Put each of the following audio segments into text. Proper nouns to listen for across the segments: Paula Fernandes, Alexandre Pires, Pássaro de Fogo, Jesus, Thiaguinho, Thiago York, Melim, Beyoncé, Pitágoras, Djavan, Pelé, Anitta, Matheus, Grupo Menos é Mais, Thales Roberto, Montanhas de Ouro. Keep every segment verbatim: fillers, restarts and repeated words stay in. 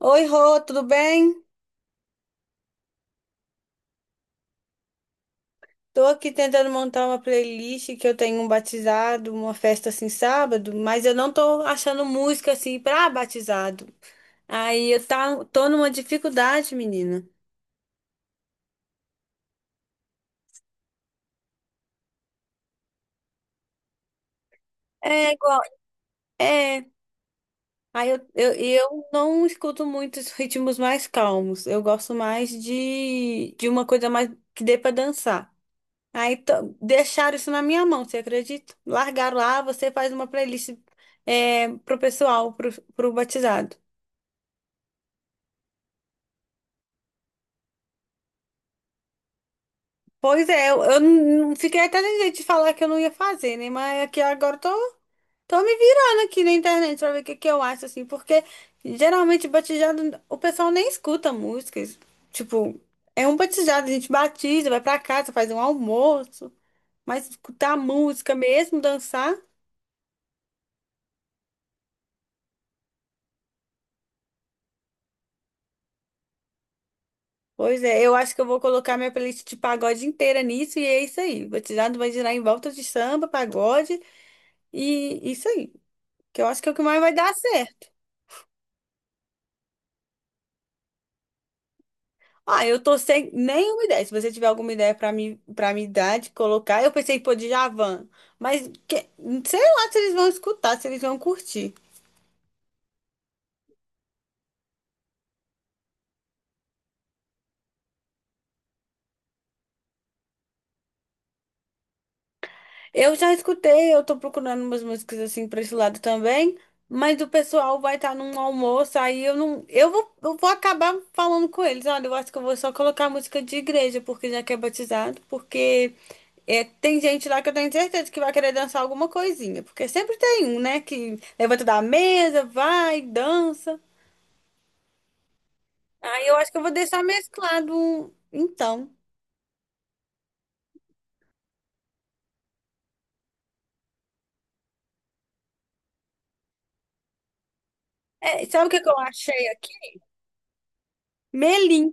Oi, Rô, tudo bem? Tô aqui tentando montar uma playlist que eu tenho um batizado, uma festa assim sábado, mas eu não tô achando música assim pra batizado. Aí eu tá, tô numa dificuldade, menina. É igual, é. Aí eu, eu, eu não escuto muitos ritmos mais calmos. Eu gosto mais de, de uma coisa mais que dê pra dançar. Aí to- deixaram isso na minha mão, você acredita? Largaram lá, você faz uma playlist é, pro pessoal, pro, pro batizado. Pois é, eu, eu não fiquei até sem jeito de falar que eu não ia fazer, né? Mas aqui agora eu tô, tô me virando aqui na internet pra ver o que, que eu acho, assim, porque geralmente batizado, o pessoal nem escuta músicas. Tipo, é um batizado, a gente batiza, vai pra casa, faz um almoço, mas escutar música mesmo, dançar. Pois é, eu acho que eu vou colocar minha playlist de pagode inteira nisso e é isso aí. Vou tirar, vai girar em volta de samba, pagode e isso aí. Que eu acho que é o que mais vai dar certo. Ah, eu tô sem nenhuma ideia. Se você tiver alguma ideia pra mim, para me dar de colocar, eu pensei em pôr Djavan, mas que- sei lá se eles vão escutar, se eles vão curtir. Eu já escutei, eu tô procurando umas músicas assim pra esse lado também, mas o pessoal vai estar num almoço, aí eu não. Eu vou, eu vou acabar falando com eles. Olha, eu acho que eu vou só colocar música de igreja, porque já que é batizado, porque é, tem gente lá que eu tenho certeza que vai querer dançar alguma coisinha, porque sempre tem um, né, que levanta da mesa, vai, dança. Aí eu acho que eu vou deixar mesclado. um, Então, É, sabe o que que eu achei aqui? Melim.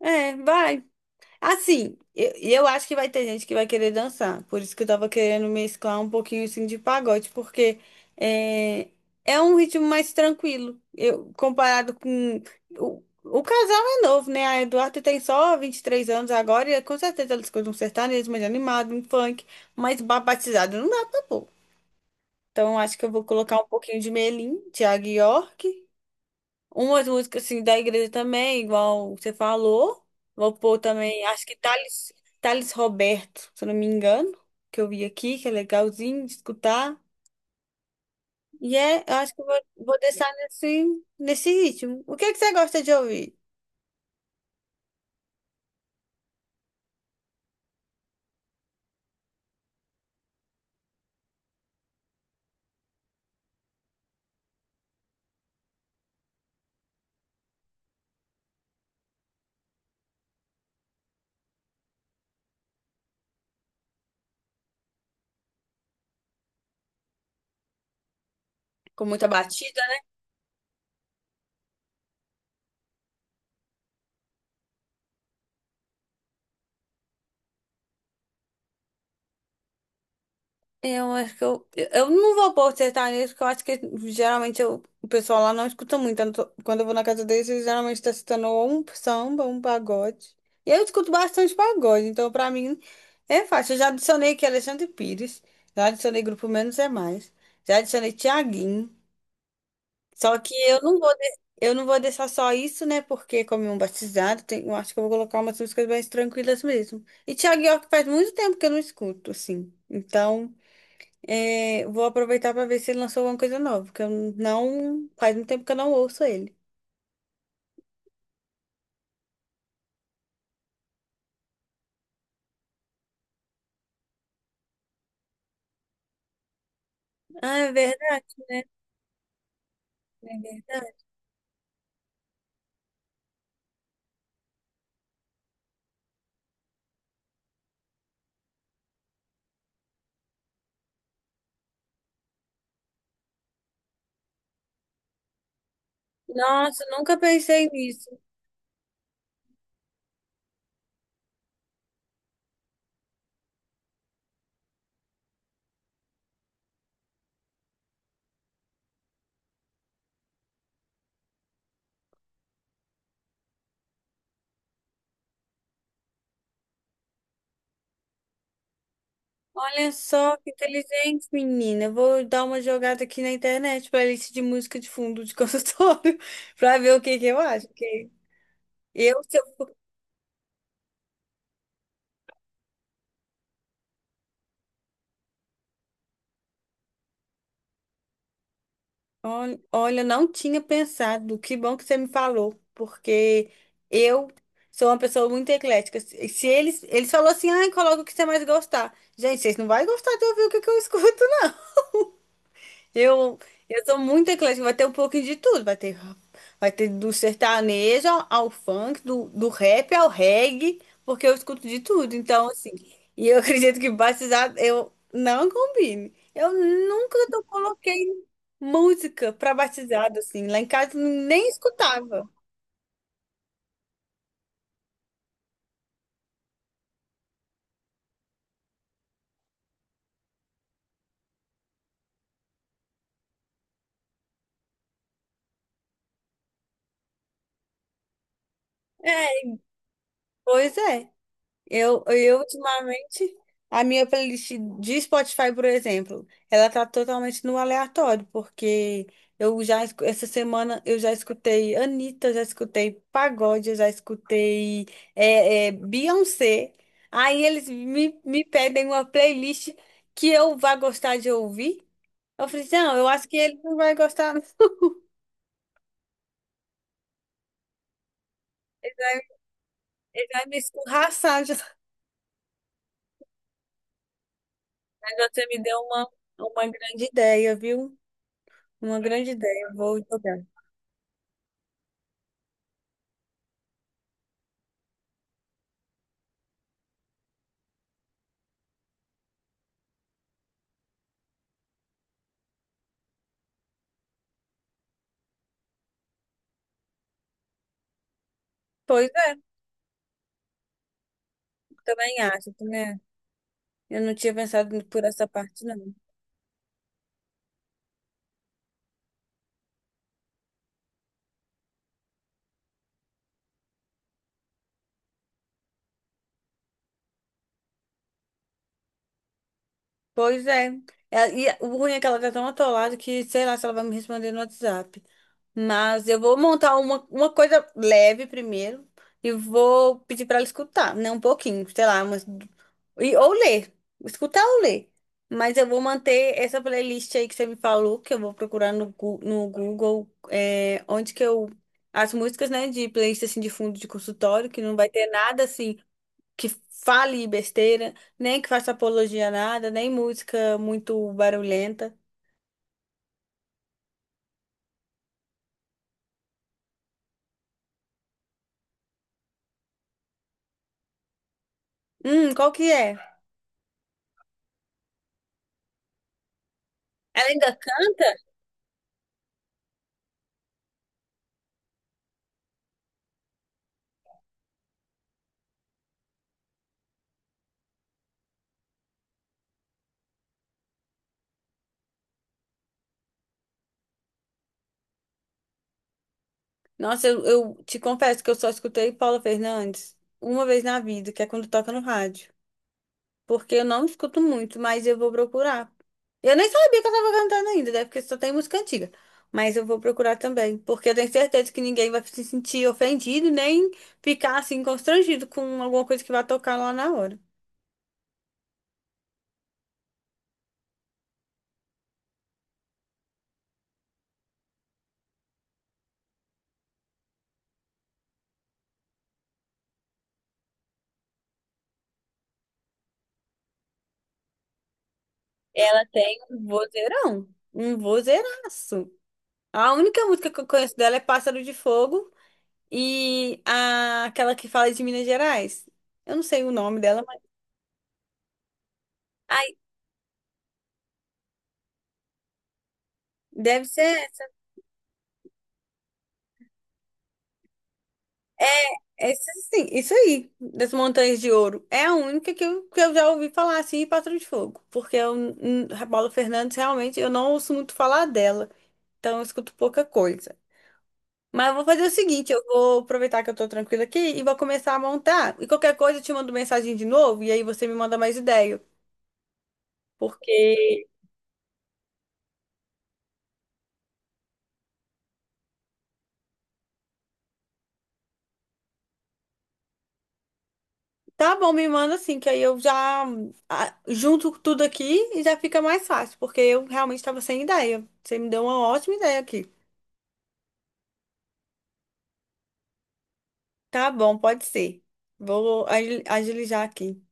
É, vai. Assim, eu, eu acho que vai ter gente que vai querer dançar. Por isso que eu tava querendo mesclar um pouquinho assim de pagode, porque é, é um ritmo mais tranquilo. Eu, comparado com. O, o casal é novo, né? A Eduardo tem só vinte e três anos agora, e com certeza ela escuta um sertanejo mais animado, um funk, mas ba- batizado não dá pra pôr. Então, eu acho que eu vou colocar um pouquinho de Melim, Thiago York. Umas músicas assim da igreja também, igual você falou. Vou pôr também, acho que Thales, Thales Roberto, se eu não me engano, que eu vi aqui, que é legalzinho de escutar. E é, eu acho que eu vou, vou deixar nesse, nesse ritmo. O que é que você gosta de ouvir? Com muita batida? Eu acho que eu, eu não vou acertar nisso, porque eu acho que geralmente eu- o pessoal lá não escuta muito. Tanto- Quando eu vou na casa deles, eles geralmente tá escutando ou um samba, ou um pagode. E eu escuto bastante pagode, então pra mim é fácil. Eu já adicionei aqui Alexandre Pires, já adicionei Grupo Menos é Mais, já adicionei Thiaguinho. Só que eu não vou, de- eu não vou deixar só isso, né? Porque como é um batizado, tem- eu acho que eu vou colocar umas músicas mais tranquilas mesmo. E Thiaguinho é que faz muito tempo que eu não escuto, assim. Então. É, vou aproveitar para ver se ele lançou alguma coisa nova, porque eu não. Faz um tempo que eu não ouço ele. Ah, é verdade, né? É verdade. Nossa, nunca pensei nisso. Olha só que inteligente, menina. Eu vou dar uma jogada aqui na internet playlist de música de fundo de consultório para ver o que que eu acho. Porque eu, se eu Ol- Olha, eu não tinha pensado. Que bom que você me falou, porque eu sou uma pessoa muito eclética. Se se eles, eles falou assim, ai, coloca o que você mais gostar. Gente, vocês não vão gostar de ouvir o que que eu escuto, eu, eu sou muito eclética, vai ter um pouquinho de tudo, vai ter, vai ter do sertanejo ao, ao funk, do, do rap ao reggae, porque eu escuto de tudo, então assim, e eu acredito que batizado eu não combine. Eu nunca eu coloquei música para batizado, assim, lá em casa nem escutava. É, pois é. Eu, eu ultimamente, a minha playlist de Spotify, por exemplo, ela tá totalmente no aleatório, porque eu já, escu- essa semana, eu já escutei Anitta, já escutei Pagode, eu já escutei é, é, Beyoncé. Aí eles me, me pedem uma playlist que eu vá gostar de ouvir. Eu falei, assim, não, eu acho que ele não vai gostar, não. Ele vai me escorraçar. já- Mas você me deu uma, uma grande ideia, viu? Uma grande ideia, eu vou jogar. Pois também acho, né? Eu não tinha pensado por essa parte, não. Pois é. É, E o ruim é que ela tá tão atolada que sei lá se ela vai me responder no WhatsApp. Mas eu vou montar uma, uma coisa leve primeiro e vou pedir pra ela escutar, né? Um pouquinho, sei lá, umas... e, ou ler. Escutar ou ler. Mas eu vou manter essa playlist aí que você me falou, que eu vou procurar no, Gu- no Google, é, onde que eu. As músicas, né, de playlist assim de fundo de consultório, que não vai ter nada assim que fale besteira, nem que faça apologia a nada, nem música muito barulhenta. Hum, qual que é? Ela ainda canta? Nossa, eu, eu te confesso que eu só escutei Paula Fernandes uma vez na vida, que é quando toca no rádio. Porque eu não escuto muito, mas eu vou procurar. Eu nem sabia que eu tava cantando ainda, né? Porque só tem música antiga. Mas eu vou procurar também, porque eu tenho certeza que ninguém vai se sentir ofendido, nem ficar assim constrangido com alguma coisa que vai tocar lá na hora. Ela tem um vozeirão, um vozeiraço. A única música que eu conheço dela é Pássaro de Fogo e a- aquela que fala de Minas Gerais. Eu não sei o nome dela, mas. Ai, deve ser essa. É, essa sim, isso aí, das Montanhas de Ouro. É a única que eu, que eu já ouvi falar assim, e Pássaro de Fogo. Porque eu, hum, a Paula Fernandes, realmente, eu não ouço muito falar dela. Então eu escuto pouca coisa. Mas eu vou fazer o seguinte, eu vou aproveitar que eu tô tranquila aqui e vou começar a montar. E qualquer coisa eu te mando mensagem de novo e aí você me manda mais ideia. Porque Tá bom, me manda assim, que aí eu já ah, junto tudo aqui e já fica mais fácil, porque eu realmente tava sem ideia. Você me deu uma ótima ideia aqui. Tá bom, pode ser. Vou agil- agilizar aqui.